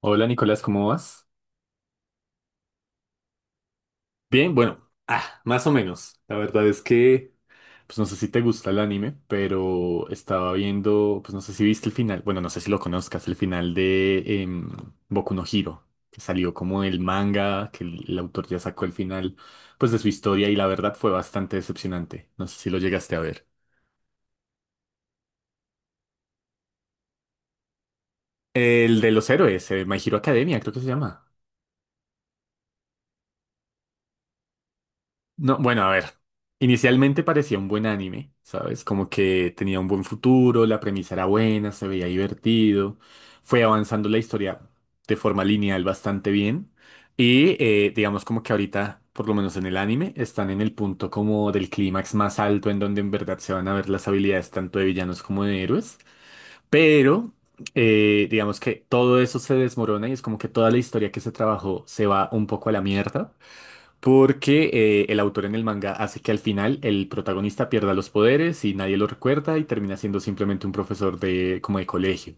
Hola Nicolás, ¿cómo vas? Bien, bueno, ah, más o menos. La verdad es que, pues no sé si te gusta el anime, pero estaba viendo, pues no sé si viste el final, bueno, no sé si lo conozcas, el final de Boku no Hero, que salió como el manga, que el autor ya sacó el final, pues de su historia y la verdad fue bastante decepcionante. No sé si lo llegaste a ver. El de los héroes, My Hero Academia, creo que se llama. No, bueno, a ver. Inicialmente parecía un buen anime, ¿sabes? Como que tenía un buen futuro, la premisa era buena, se veía divertido, fue avanzando la historia de forma lineal bastante bien y digamos como que ahorita, por lo menos en el anime, están en el punto como del clímax más alto en donde en verdad se van a ver las habilidades tanto de villanos como de héroes, pero digamos que todo eso se desmorona y es como que toda la historia que se trabajó se va un poco a la mierda. Porque el autor en el manga hace que al final el protagonista pierda los poderes y nadie lo recuerda y termina siendo simplemente un profesor de como de colegio.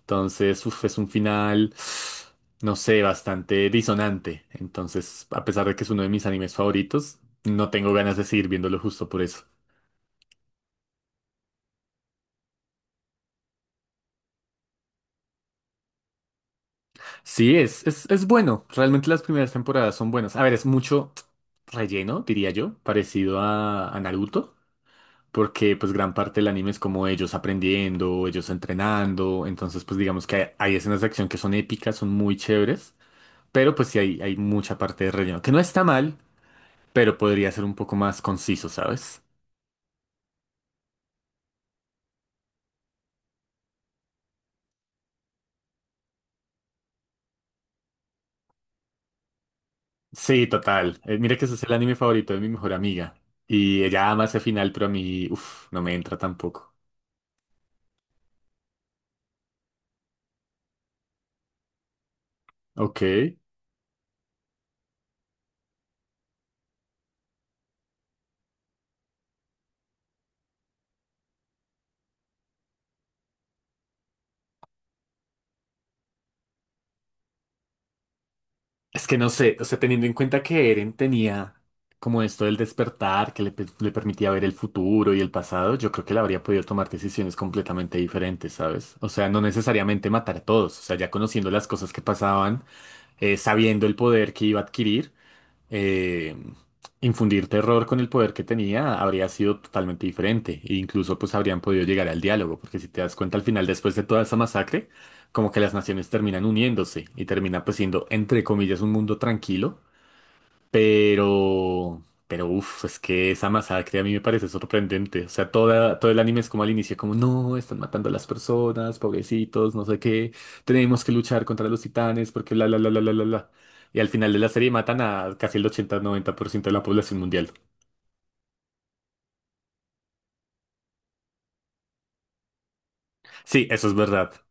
Entonces, uf, es un final, no sé, bastante disonante. Entonces, a pesar de que es uno de mis animes favoritos, no tengo ganas de seguir viéndolo justo por eso. Sí, es bueno. Realmente las primeras temporadas son buenas. A ver, es mucho relleno, diría yo, parecido a Naruto. Porque pues gran parte del anime es como ellos aprendiendo, ellos entrenando, entonces pues digamos que hay escenas de acción que son épicas, son muy chéveres, pero pues sí hay mucha parte de relleno, que no está mal, pero podría ser un poco más conciso, ¿sabes? Sí, total. Mira que ese es el anime favorito de mi mejor amiga y ella ama ese final, pero a mí, uff, no me entra tampoco. Ok. Es que no sé, o sea, teniendo en cuenta que Eren tenía como esto del despertar, que le permitía ver el futuro y el pasado, yo creo que él habría podido tomar decisiones completamente diferentes, ¿sabes? O sea, no necesariamente matar a todos, o sea, ya conociendo las cosas que pasaban, sabiendo el poder que iba a adquirir, eh, infundir terror con el poder que tenía habría sido totalmente diferente e incluso pues habrían podido llegar al diálogo, porque si te das cuenta al final después de toda esa masacre, como que las naciones terminan uniéndose y termina pues siendo entre comillas un mundo tranquilo, pero uff, es que esa masacre a mí me parece sorprendente. O sea, todo el anime es como al inicio, como no, están matando a las personas, pobrecitos, no sé qué, tenemos que luchar contra los titanes, porque bla, bla, bla, bla, bla, bla. Bla". Y al final de la serie matan a casi el 80-90% de la población mundial. Sí, eso es verdad.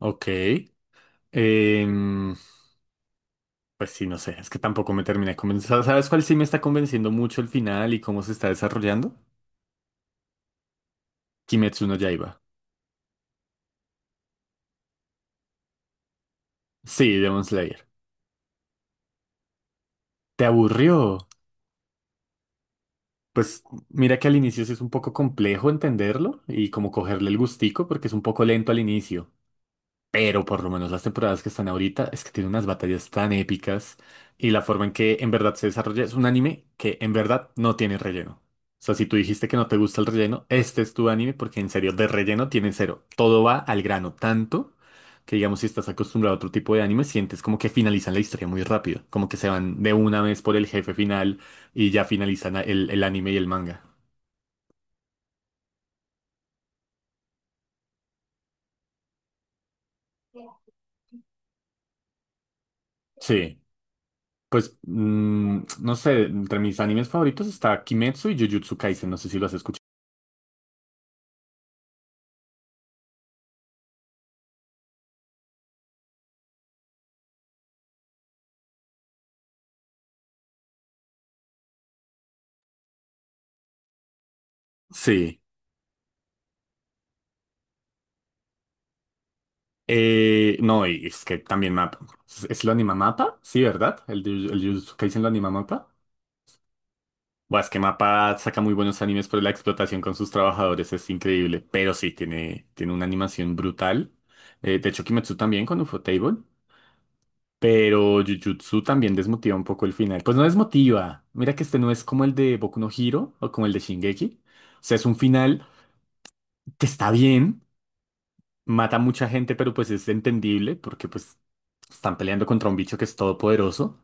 Ok. Em, pues sí, no sé, es que tampoco me termina de convencer. ¿Sabes cuál sí me está convenciendo mucho el final y cómo se está desarrollando? Kimetsu no Yaiba. Sí, Demon Slayer. ¿Te aburrió? Pues mira que al inicio sí es un poco complejo entenderlo y como cogerle el gustico porque es un poco lento al inicio. Pero por lo menos las temporadas que están ahorita es que tiene unas batallas tan épicas y la forma en que en verdad se desarrolla es un anime que en verdad no tiene relleno. O sea, si tú dijiste que no te gusta el relleno, este es tu anime porque en serio, de relleno tiene cero. Todo va al grano, tanto que digamos si estás acostumbrado a otro tipo de anime, sientes como que finalizan la historia muy rápido, como que se van de una vez por el jefe final y ya finalizan el anime y el manga. Sí. Pues, mm, no sé, entre mis animes favoritos está Kimetsu y Jujutsu Kaisen, no sé si lo has escuchado. Sí. No, y es que también mapa. ¿Es lo anima mapa? Sí, ¿verdad? El Jujutsu Kaisen lo anima mapa. Bueno, es que Mapa saca muy buenos animes por la explotación con sus trabajadores, es increíble. Pero sí, tiene una animación brutal. De hecho, Kimetsu también con Ufotable. Pero Jujutsu también desmotiva un poco el final. Pues no desmotiva. Mira que este no es como el de Boku no Hero o como el de Shingeki. O sea, es un final que está bien. Mata a mucha gente, pero pues es entendible porque pues están peleando contra un bicho que es todopoderoso.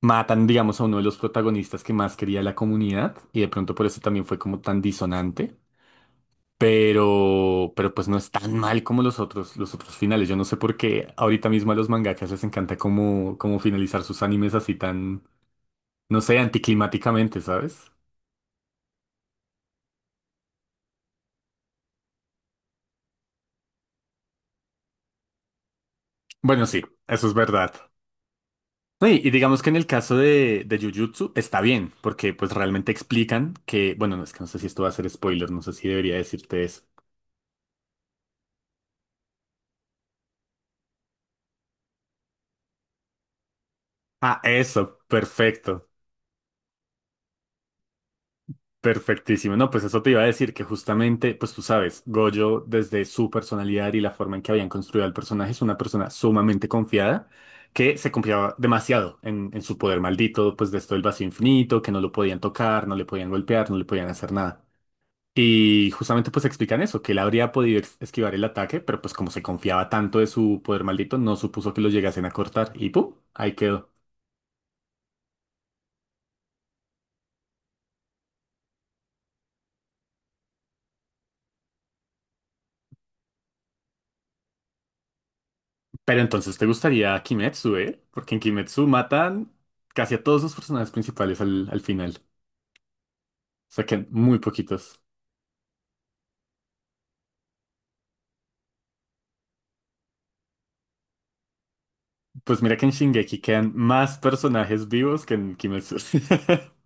Matan, digamos, a uno de los protagonistas que más quería la comunidad y de pronto por eso también fue como tan disonante. Pero pues no es tan mal como los otros finales. Yo no sé por qué ahorita mismo a los mangakas les encanta como, como finalizar sus animes así tan, no sé, anticlimáticamente, ¿sabes? Bueno, sí, eso es verdad. No, y digamos que en el caso de Jujutsu está bien, porque pues realmente explican que, bueno, no es que no sé si esto va a ser spoiler, no sé si debería decirte eso. Ah, eso, perfecto, perfectísimo. No, pues eso te iba a decir que justamente, pues tú sabes, Gojo desde su personalidad y la forma en que habían construido al personaje es una persona sumamente confiada que se confiaba demasiado en su poder maldito, pues de esto del vacío infinito, que no lo podían tocar, no le podían golpear, no le podían hacer nada. Y justamente pues explican eso, que él habría podido esquivar el ataque, pero pues como se confiaba tanto de su poder maldito, no supuso que lo llegasen a cortar y ¡pum! Ahí quedó. Pero entonces te gustaría Kimetsu, ¿eh? Porque en Kimetsu matan casi a todos los personajes principales al final. O sea, quedan muy poquitos. Pues mira que en Shingeki quedan más personajes vivos que en Kimetsu.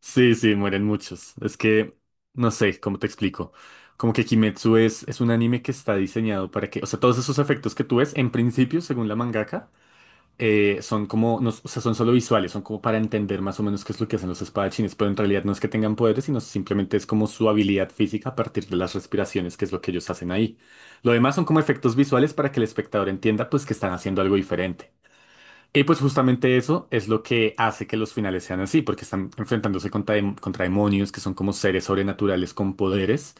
Sí, sí, mueren muchos. Es que, no sé, ¿cómo te explico? Como que Kimetsu es un anime que está diseñado para que, o sea, todos esos efectos que tú ves, en principio, según la mangaka, son como, o sea, son solo visuales, son como para entender más o menos qué es lo que hacen los espadachines, pero en realidad no es que tengan poderes, sino simplemente es como su habilidad física a partir de las respiraciones, que es lo que ellos hacen ahí. Lo demás son como efectos visuales para que el espectador entienda, pues, que están haciendo algo diferente. Y pues justamente eso es lo que hace que los finales sean así, porque están enfrentándose contra, contra demonios que son como seres sobrenaturales con poderes,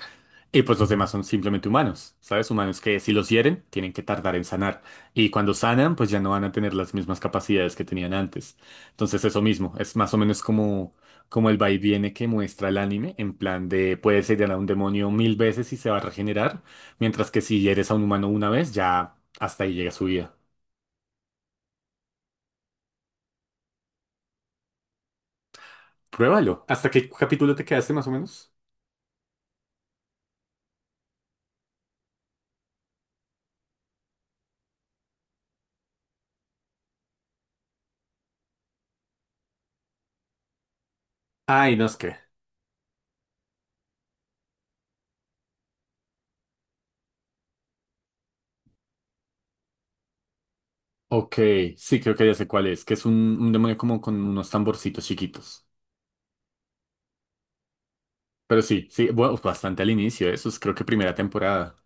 y pues los demás son simplemente humanos, ¿sabes? Humanos que si los hieren, tienen que tardar en sanar, y cuando sanan, pues ya no van a tener las mismas capacidades que tenían antes. Entonces eso mismo, es más o menos como, como el va y viene que muestra el anime, en plan de puedes herir a un demonio mil veces y se va a regenerar, mientras que si hieres a un humano una vez, ya hasta ahí llega su vida. Pruébalo. ¿Hasta qué capítulo te quedaste más o menos? Ay, no es que. Ok, sí, creo que ya sé cuál es, que es un demonio como con unos tamborcitos chiquitos. Pero sí, sí, bueno, bastante al inicio, eso es creo que primera temporada.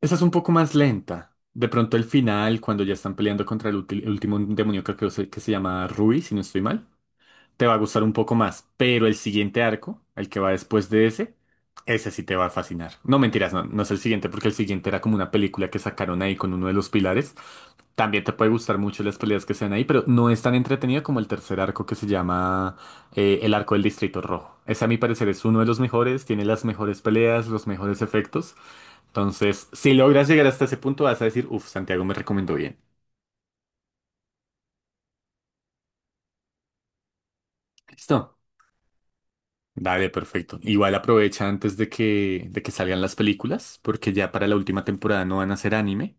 Esa es un poco más lenta. De pronto el final, cuando ya están peleando contra el último demonio, creo que, que se llama Rui, si no estoy mal. Te va a gustar un poco más, pero el siguiente arco, el que va después de ese, ese sí te va a fascinar. No mentiras, no, no es el siguiente, porque el siguiente era como una película que sacaron ahí con uno de los pilares. También te puede gustar mucho las peleas que sean ahí, pero no es tan entretenida como el tercer arco que se llama el arco del Distrito Rojo. Ese a mi parecer es uno de los mejores, tiene las mejores peleas, los mejores efectos. Entonces, si logras llegar hasta ese punto, vas a decir, uff, Santiago me recomendó bien. Listo. Dale, perfecto. Igual aprovecha antes de que salgan las películas, porque ya para la última temporada no van a hacer anime,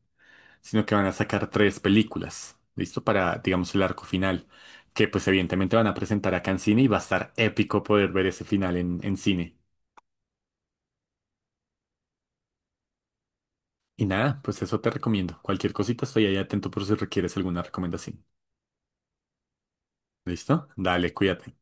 sino que van a sacar tres películas, ¿listo? Para, digamos, el arco final, que pues evidentemente van a presentar acá en cine y va a estar épico poder ver ese final en cine. Y nada, pues eso te recomiendo. Cualquier cosita estoy ahí atento por si requieres alguna recomendación. ¿Listo? Dale, cuídate.